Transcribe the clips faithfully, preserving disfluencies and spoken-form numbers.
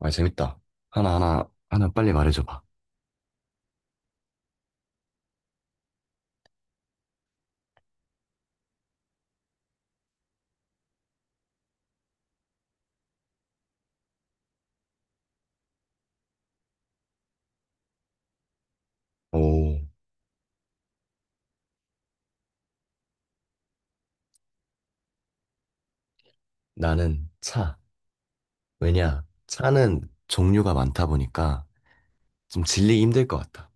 아, 재밌다. 하나하나, 하나 하나 빨리 말해줘봐. 오, 나는 차. 왜냐, 차는 종류가 많다 보니까 좀 질리기 힘들 것 같다.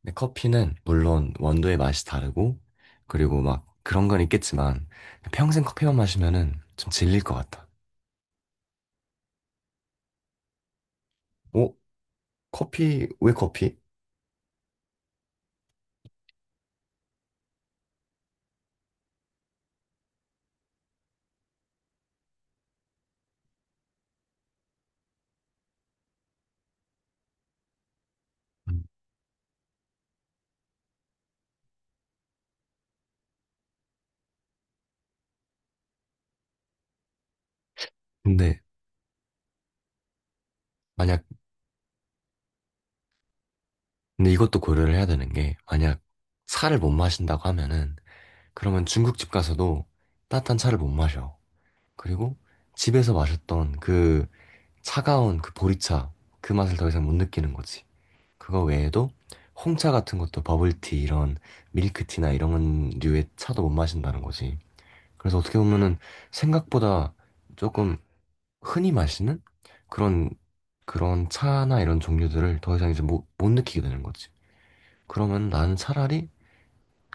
근데 커피는 물론 원두의 맛이 다르고, 그리고 막 그런 건 있겠지만, 평생 커피만 마시면은 좀 질릴 것 같다. 오, 커피, 왜 커피? 음, 근데 만약, 근데 이것도 고려를 해야 되는 게, 만약 차를 못 마신다고 하면은, 그러면 중국집 가서도 따뜻한 차를 못 마셔. 그리고 집에서 마셨던 그 차가운 그 보리차 그 맛을 더 이상 못 느끼는 거지. 그거 외에도 홍차 같은 것도 버블티 이런 밀크티나 이런 류의 차도 못 마신다는 거지. 그래서 어떻게 보면은 생각보다 조금 흔히 마시는 그런 그런 차나 이런 종류들을 더 이상 이제 못, 못 느끼게 되는 거지. 그러면 나는 차라리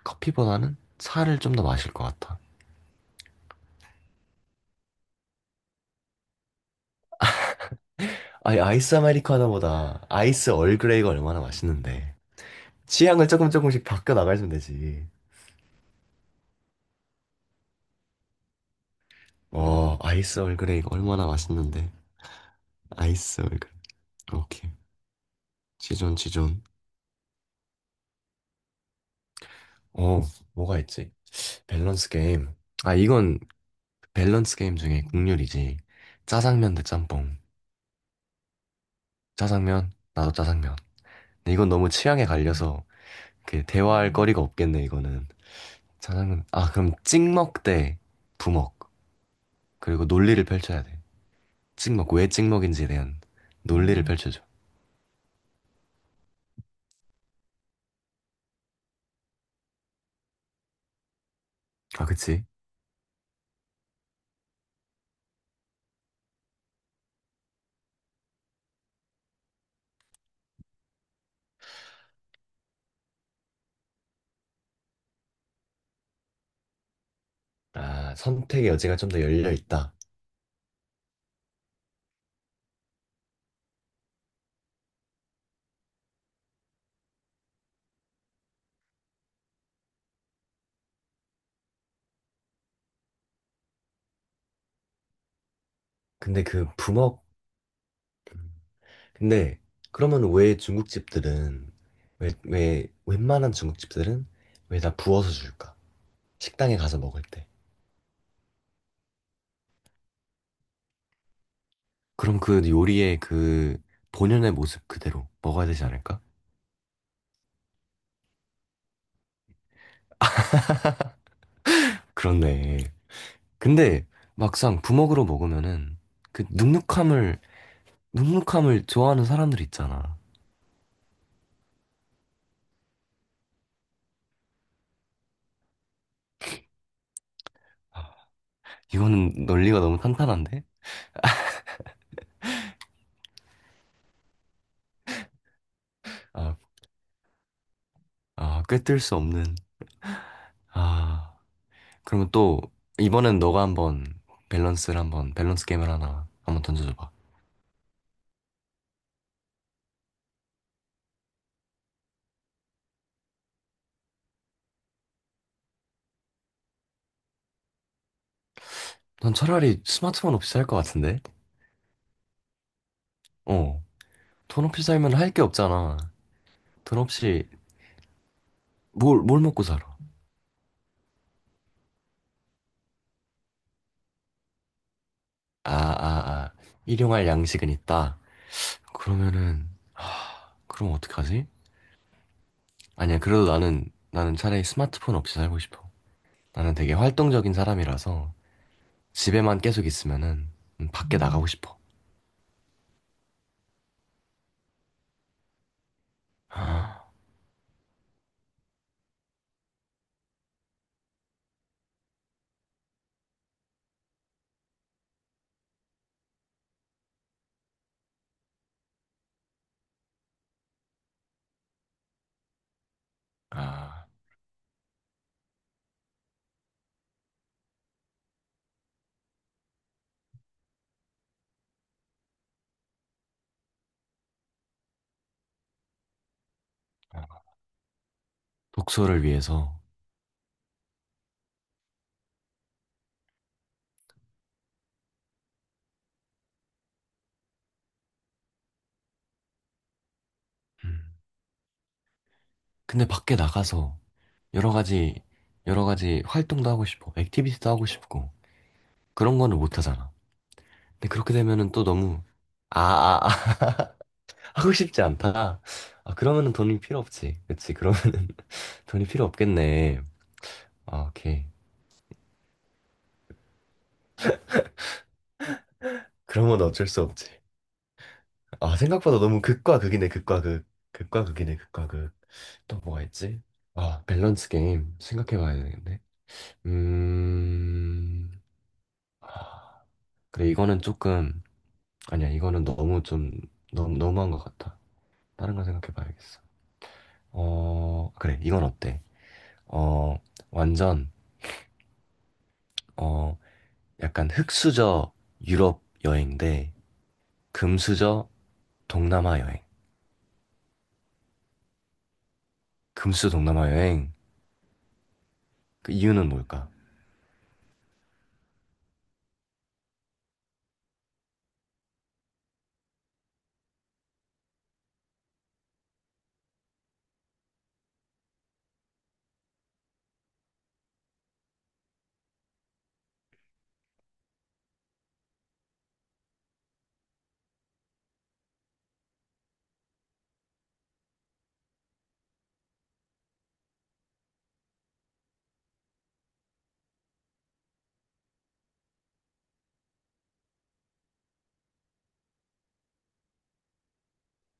커피보다는 차를 좀 더 마실 것 같아. 아니, 아이스 아메리카노보다 아이스 얼그레이가 얼마나 맛있는데. 취향을 조금 조금씩 바꿔 나가시면 되지. 어, 음, 아이스 얼그레이 이거 얼마나 맛있는데. 아이스 얼그레이. 오케이. 지존, 지존. 어, 뭐가 있지? 밸런스 게임. 아, 이건 밸런스 게임 중에 국룰이지. 짜장면 대 짬뽕. 짜장면, 나도 짜장면. 근데 이건 너무 취향에 갈려서 그 대화할 음. 거리가 없겠네, 이거는. 짜장면. 아, 그럼 찍먹 대 부먹. 그리고 논리를 펼쳐야 돼. 찍먹, 왜 찍먹인지에 대한 논리를 음. 펼쳐줘. 아, 그치? 아, 선택의 여지가 좀 더 열려 있다. 근데 그 부먹, 근데 그러면 왜 중국집들은, 왜, 왜, 웬만한 중국집들은 왜 다 부어서 줄까? 식당에 가서 먹을 때. 그럼 그 요리의 그 본연의 모습 그대로 먹어야 되지 않을까? 그렇네. 근데 막상 부먹으로 먹으면은 그 눅눅함을, 눅눅함을 좋아하는 사람들 있잖아. 아, 이거는 논리가 너무 탄탄한데? 아, 아, 꿰뚫 수 없는, 아. 그러면 또 이번엔 너가 한번 밸런스를 한번 밸런스 게임을 하나 한번 던져줘봐. 넌 차라리 스마트폰 없이 살 것 같은데? 어. 돈 없이 살면 할 게 없잖아. 돈 없이 뭘, 뭘 먹고 살아? 아, 아, 아. 일용할 양식은 있다. 그러면은 하, 그럼 어떡하지? 아니야. 그래도 나는 나는 차라리 스마트폰 없이 살고 싶어. 나는 되게 활동적인 사람이라서 집에만 계속 있으면은 음, 밖에 나가고 싶어. 아, 아, 아. 독서를 위해서. 음. 근데 밖에 나가서 여러 가지, 여러 가지 활동도 하고 싶고, 액티비티도 하고 싶고, 그런 거는 못 하잖아. 근데 그렇게 되면은 또 너무, 아, 아, 아, 하고 싶지 않다. 아, 그러면은 돈이 필요 없지. 그치? 그러면은 돈이 필요 없겠네. 아, 오케이. 그러면 어쩔 수 없지. 아, 생각보다 너무 극과 극이네, 극과 극. 극과 극이네, 극과 극. 또 뭐가 있지? 아, 밸런스 게임 생각해 봐야 되겠네. 음, 아, 그래, 이거는 조금, 아니야, 이거는 너무 좀, 너무, 너무한 것 같아. 다른 거 생각해 봐야겠어. 어, 그래, 이건 어때? 어, 완전, 어, 약간 흑수저 유럽 여행 대 금수저 동남아 여행. 금수 동남아 여행. 그 이유는 뭘까?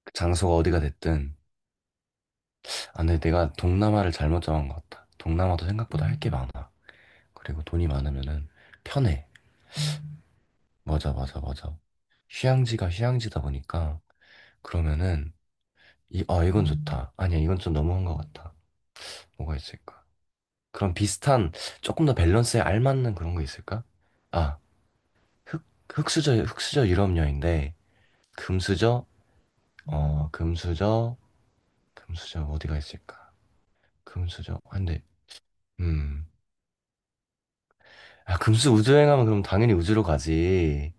그 장소가 어디가 됐든. 아, 근데 내가 동남아를 잘못 정한 것 같다. 동남아도 생각보다 할 게 많아. 그리고 돈이 많으면은 편해. 맞아, 맞아, 맞아. 휴양지가 휴양지다 보니까 그러면은 이, 어, 이건 좋다. 아니야, 이건 좀 너무한 것 같아. 뭐가 있을까? 그런 비슷한, 조금 더 밸런스에 알맞는 그런 거 있을까? 아, 흑, 흑수저, 흑수저 유럽여인데, 금수저, 어, 금수저, 금수저 어디가 있을까? 금수저, 아, 근데, 음. 아, 금수 우주여행 하면 그럼 당연히 우주로 가지.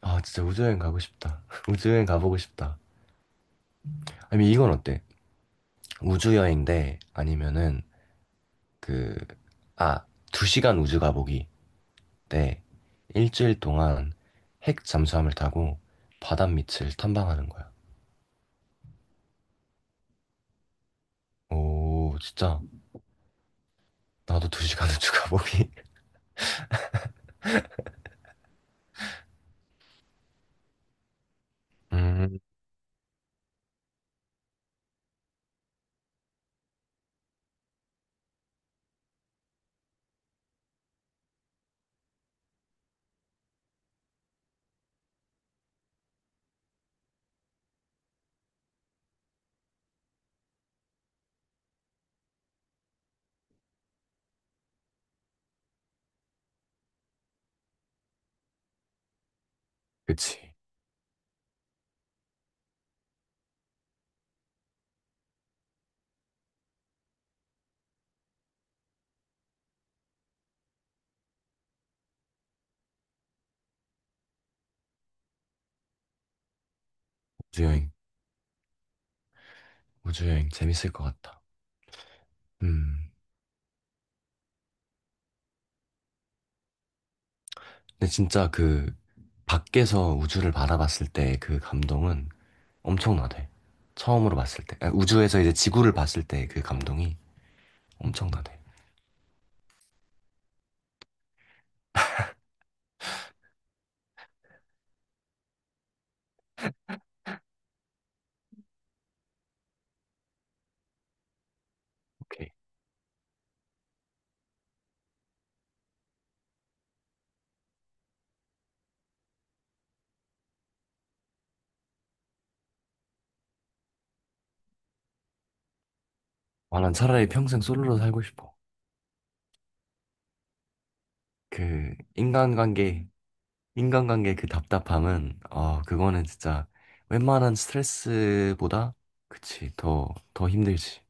아, 진짜 우주여행 가고 싶다. 우주여행 가보고 싶다. 아니, 이건 어때? 우주여행인데, 아니면은, 그, 아, 두 시간 우주 가보기. 때 일주일 동안 핵 잠수함을 타고 바다 밑을 탐방하는 거야. 오, 진짜 나도 두 시간은 추가 보기. 음, 그치. 우주여행, 우주여행 재밌을 것 같다. 음, 근데 진짜 그 밖에서 우주를 바라봤을 때 그 감동은 엄청나대. 처음으로 봤을 때, 아, 우주에서 이제 지구를 봤을 때 그 감동이 엄청나대. 오케이. 아, 난 차라리 평생 솔로로 살고 싶어. 그 인간관계 인간관계 그 답답함은, 어, 그거는 진짜 웬만한 스트레스보다, 그치, 더, 더 힘들지.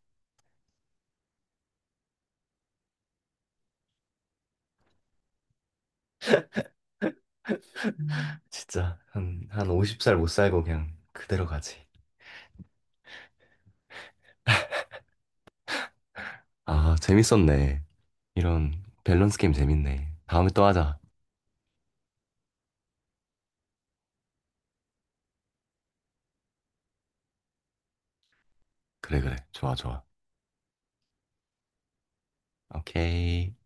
진짜, 한, 한 오십 살 못 살고 그냥 그대로 가지. 아, 재밌었네. 이런 밸런스 게임 재밌네. 다음에 또 하자. 그래, 그래. 좋아, 좋아. 오케이.